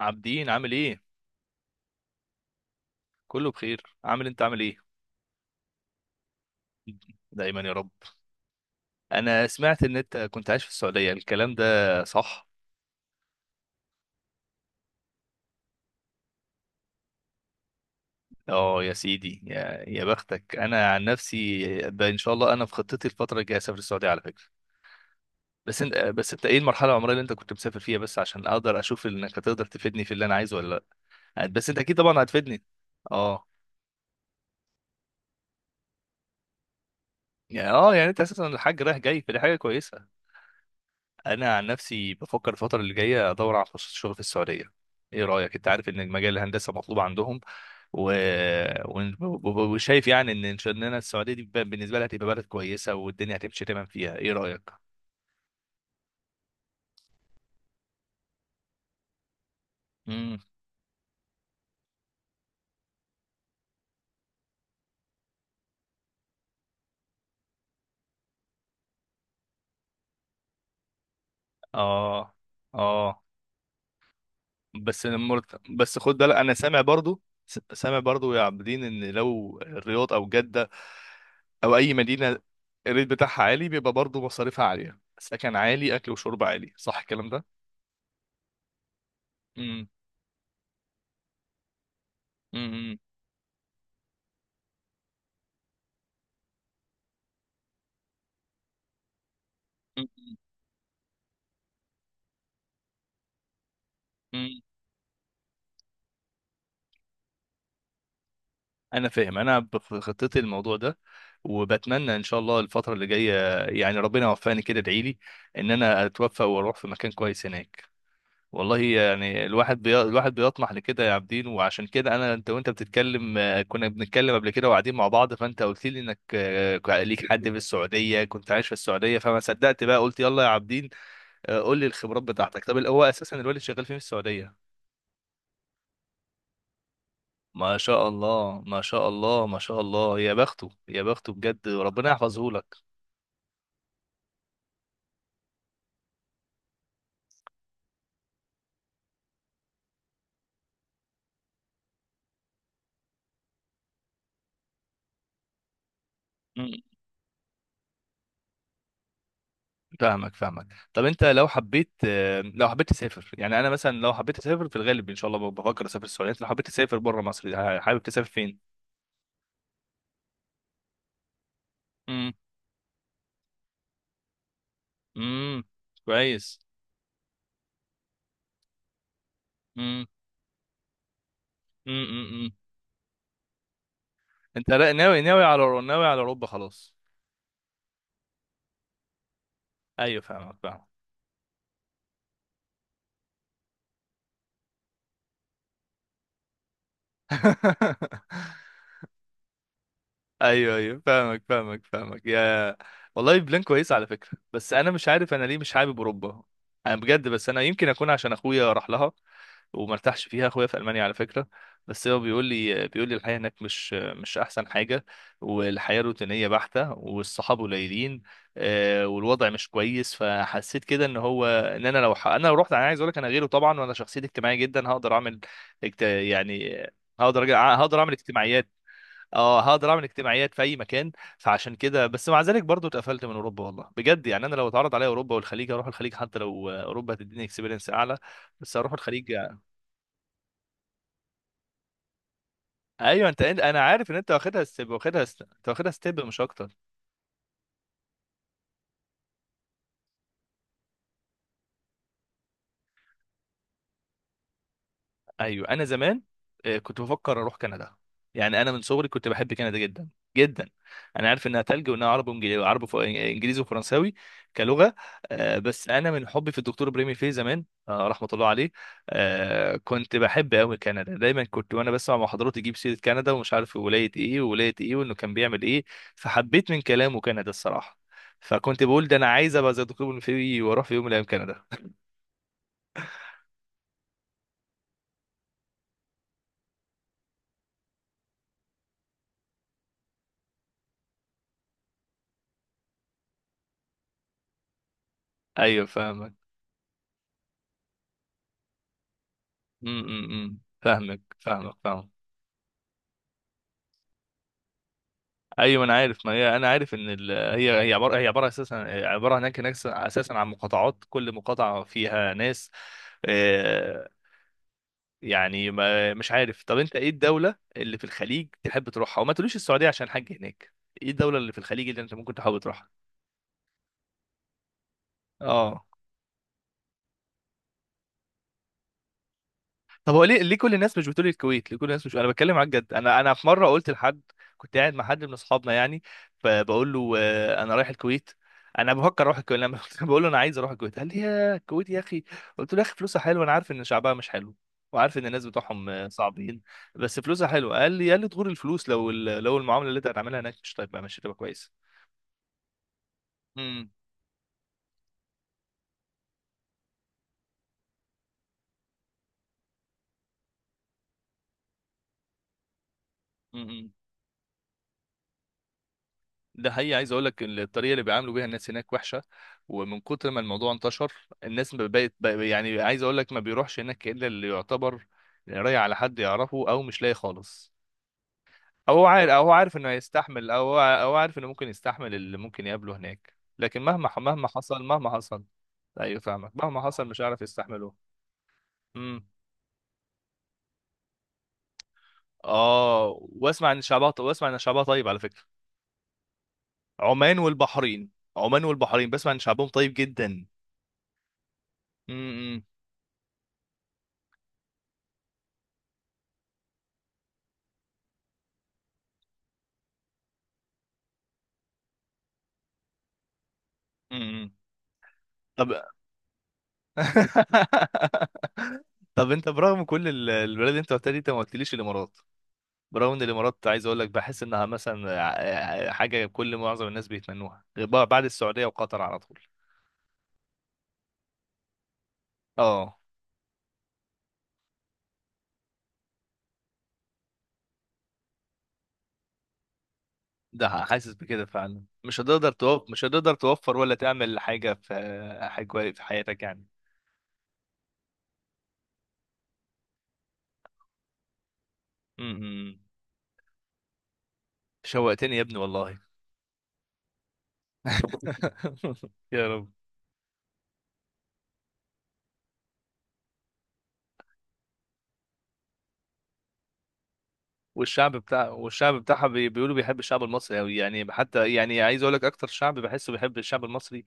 عابدين عامل ايه؟ كله بخير، انت عامل ايه؟ دايما يا رب. انا سمعت ان انت كنت عايش في السعودية الكلام ده صح. اه يا سيدي، يا بختك. انا عن نفسي ان شاء الله انا في خطتي الفترة الجاية اسافر السعودية على فكرة. بس انت ايه المرحلة العمرية اللي انت كنت مسافر فيها؟ بس عشان اقدر اشوف انك هتقدر تفيدني في اللي انا عايزه ولا. لا بس انت اكيد طبعا هتفيدني. اه. يعني انت اساسا الحاج رايح جاي، فدي حاجة كويسة. انا عن نفسي بفكر الفتره اللي جايه ادور على فرصه شغل في السعوديه، ايه رايك؟ انت عارف ان مجال الهندسه مطلوب عندهم. و... ون- وشايف يعني ان شاء الله السعوديه دي بالنسبه لها هتبقى بلد كويسه والدنيا هتمشي تمام فيها، ايه رايك؟ امم. اه. اه. بس خد بالك انا سامع برضو. سامع برضو يا عابدين، ان لو الرياض او جده او اي مدينه الريت بتاعها عالي، بيبقى برضو مصاريفها عاليه، سكن عالي، اكل وشرب عالي، صح الكلام ده؟ امم. امم. مم. انا فاهم، انا في خطتي الموضوع ده، وبتمنى ان شاء الله الفتره اللي جايه يعني ربنا يوفقني كده. ادعي لي ان انا اتوفق واروح في مكان كويس هناك. والله يعني الواحد بيطمح لكده يا عابدين، وعشان كده انا، انت وانت بتتكلم كنا بنتكلم قبل كده وقاعدين مع بعض، فانت قلت لي انك ليك حد في السعوديه كنت عايش في السعوديه، فما صدقت بقى قلت يلا يا عابدين. قول لي الخبرات بتاعتك. طب هو اساسا الوالد شغال فين في السعوديه؟ ما شاء الله، ما شاء الله، ما شاء الله! يا بخته، يا بخته بجد، ربنا يحفظه لك. مم. فاهمك فاهمك. طب انت لو حبيت، لو حبيت تسافر، يعني انا مثلا لو حبيت اسافر في الغالب ان شاء الله بفكر اسافر السعوديه، انت لو حبيت تسافر بره مصر حابب تسافر فين؟ امم. امم. كويس. امم. امم. انت ناوي على اوروبا خلاص؟ ايوه فاهمك فاهمك. ايوه ايوه، فاهمك فاهمك فاهمك يا. والله بلان كويس على فكره. بس انا مش عارف انا ليه مش حابب اوروبا. انا بجد، بس انا يمكن اكون عشان اخويا راح لها وما ارتاحش فيها. اخويا في المانيا على فكره، بس هو بيقول لي الحياه هناك مش احسن حاجه، والحياه روتينيه بحته والصحاب قليلين، والوضع مش كويس. فحسيت كده ان هو، ان انا انا لو رحت، انا عايز اقول لك انا غيره طبعا، وانا شخصيتي اجتماعيه جدا هقدر اعمل يعني هقدر هقدر اعمل اجتماعيات. اه هقدر اعمل اجتماعيات في اي مكان. فعشان كده. بس مع ذلك برضو اتقفلت من اوروبا والله بجد، يعني انا لو اتعرض عليا اوروبا والخليج اروح الخليج، حتى لو اوروبا هتديني اكسبيرينس اعلى بس اروح الخليج يعني. ايوه انت، انا عارف ان انت واخدها ستيب، انت واخدها ستيب مش اكتر. ايوه انا زمان كنت بفكر اروح كندا. يعني انا من صغري كنت بحب كندا جدا جدا. انا عارف انها تلج، وانها عربي وانجليزي، عربي انجليزي وفرنساوي كلغه. بس انا من حبي في الدكتور بريمي فيه زمان، رحمه الله عليه. كنت بحب قوي كندا، دايما كنت وانا بسمع محاضرات يجيب سيره كندا ومش عارف ولايه ايه وولايه ايه وانه كان بيعمل ايه. فحبيت من كلامه كندا الصراحه، فكنت بقول ده انا عايز ابقى زي الدكتور بريمي فيه واروح في يوم من الايام كندا. ايوه فاهمك. فاهمك فاهمك فاهمك. ايوه انا عارف، ما هي انا عارف ان هي عباره، هي عباره اساسا، عباره هناك، هناك اساسا عن مقاطعات، كل مقاطعه فيها ناس، آه، يعني ما مش عارف. طب انت ايه الدوله اللي في الخليج تحب تروحها، وما تقوليش السعوديه عشان حاج هناك؟ ايه الدوله اللي في الخليج اللي انت ممكن تحب تروحها؟ اه. طب هو ليه كل الناس مش بتقول الكويت؟ ليه كل الناس مش، انا بتكلم معاك جد، انا في مره قلت لحد، كنت قاعد مع حد من اصحابنا يعني، فبقول له انا رايح الكويت، انا بفكر اروح الكويت. لما بقول له انا عايز اروح الكويت قال لي: يا الكويت يا اخي! قلت له يا اخي فلوسها حلوه، انا عارف ان شعبها مش حلو، وعارف ان الناس بتوعهم صعبين، بس فلوسها حلوه. قال لي: تغور الفلوس لو المعامله اللي انت هتعملها هناك مش طيب مش هتبقى كويسه. امم. ده حقيقي، عايز اقول لك الطريقه اللي بيعاملوا بيها الناس هناك وحشه، ومن كتر ما الموضوع انتشر الناس ما بقت بقى- يعني عايز اقول لك ما بيروحش هناك الا اللي يعتبر رايح على حد يعرفه او مش لاقي خالص، او هو عارف انه هيستحمل، او او عارف انه ممكن يستحمل اللي ممكن يقابله هناك. لكن مهما مهما حصل، مهما حصل. ايوه فاهمك، مهما حصل مش هيعرف يستحمله. امم. اه، واسمع ان شعبها طيب على فكره. عمان والبحرين، عمان والبحرين بسمع ان شعبهم طيب جدا. امم، امم، امم. طب طب انت برغم كل البلاد اللي انت قلتها دي، انت ما قلتليش الامارات. برغم ان الامارات عايز اقول لك بحس انها مثلا حاجه كل معظم الناس بيتمنوها غير بقى بعد السعوديه وقطر على طول. اه، ده حاسس بكده فعلا، مش هتقدر توفر ولا تعمل حاجه في حياتك يعني. امم. شوقتني يا ابني والله. يا رب. والشعب بتاعها بيقولوا بيحب الشعب المصري قوي يعني، حتى يعني عايز اقول لك اكتر شعب بحسه بيحب الشعب المصري.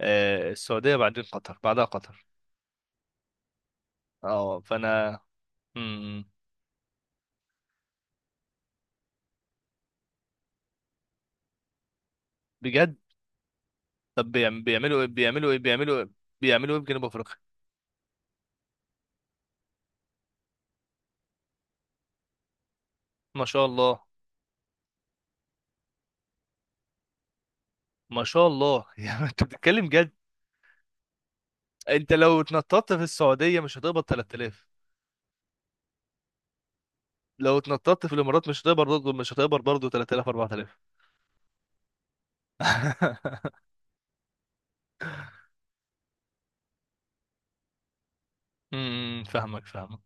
السعودية، بعدين قطر، بعدها قطر. اه فانا. مم. بجد؟ طب بيعملوا ايه في جنوب افريقيا؟ ما شاء الله، ما شاء الله! يعني انت بتتكلم جد؟ انت لو اتنططت في السعودية مش هتقبض 3000؟ لو اتنططت في الامارات مش هتقبض برضه 3000، 4000؟ فاهمك فاهمك.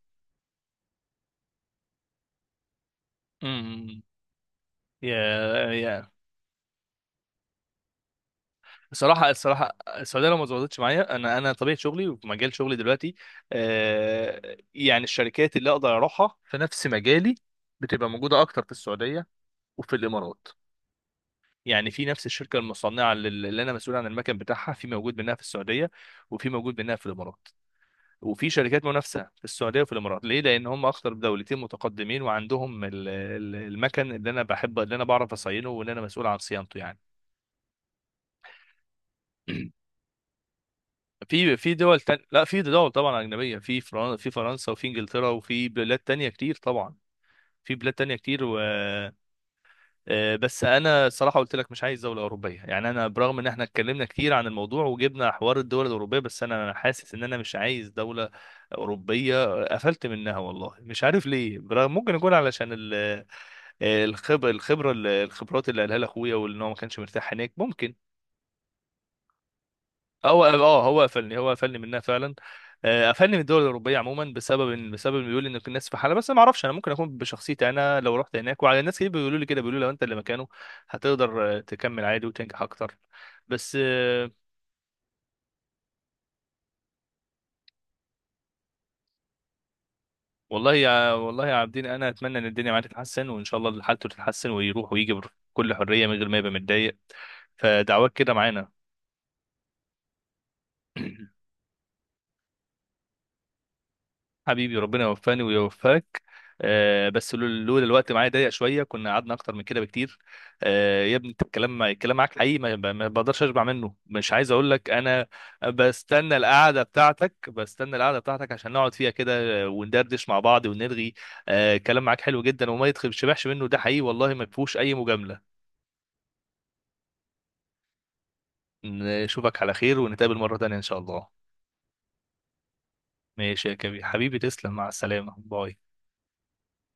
امم. يا. يا الصراحة، الصراحة السعودية لو ما ظبطتش معايا، أنا طبيعة شغلي ومجال شغلي دلوقتي، آه يعني الشركات اللي أقدر أروحها في نفس مجالي بتبقى موجودة أكتر في السعودية وفي الإمارات. يعني في نفس الشركة المصنعة اللي أنا مسؤول عن المكن بتاعها، في موجود منها في السعودية، وفي موجود منها في الإمارات، وفي شركات منافسة في السعودية وفي الإمارات. ليه؟ لأن هم أكتر دولتين متقدمين، وعندهم المكن اللي أنا بحب، اللي أنا بعرف أصينه واللي أنا مسؤول عن صيانته يعني. في دول تانية، لا في دول طبعا أجنبية، في في فرنسا وفي إنجلترا وفي بلاد تانية كتير طبعا. في بلاد تانية كتير آه، بس أنا صراحة قلت لك مش عايز دولة أوروبية يعني. أنا برغم إن إحنا اتكلمنا كتير عن الموضوع وجبنا حوار الدول الأوروبية، بس أنا حاسس إن أنا مش عايز دولة أوروبية، قفلت منها والله مش عارف ليه. برغم ممكن يكون علشان الخبرة، الخبرات اللي قالها لي أخويا، وإن هو ما كانش مرتاح هناك ممكن. هو اه آه، هو قفلني منها فعلا. قفلني من الدول الاوروبيه عموما بسبب ان، بيقول ان الناس في حاله. بس انا ما اعرفش، انا ممكن اكون بشخصيتي، انا لو رحت هناك. وعلى، الناس كتير بيقولوا لي كده، بيقولوا لو انت اللي مكانه هتقدر تكمل عادي وتنجح اكتر. بس آه. والله يا عابدين، انا اتمنى ان الدنيا معاه تتحسن وان شاء الله حالته تتحسن ويروح ويجي بكل حريه من غير ما يبقى متضايق، فدعواك كده معانا. حبيبي، ربنا يوفقني ويوفقك. آه بس لولا الوقت معايا ضيق شويه كنا قعدنا اكتر من كده بكتير. آه يا ابني انت، الكلام، الكلام معاك حقيقي ما بقدرش اشبع منه، مش عايز اقول لك انا. بستنى القعده بتاعتك عشان نقعد فيها كده وندردش مع بعض ونرغي. آه كلام معاك حلو جدا، وما يشبعش منه، ده حقيقي والله ما فيهوش اي مجامله. نشوفك على خير، ونتقابل مره تانيه ان شاء الله. ماشي يا كبير، حبيبي تسلم، مع السلامه، باي.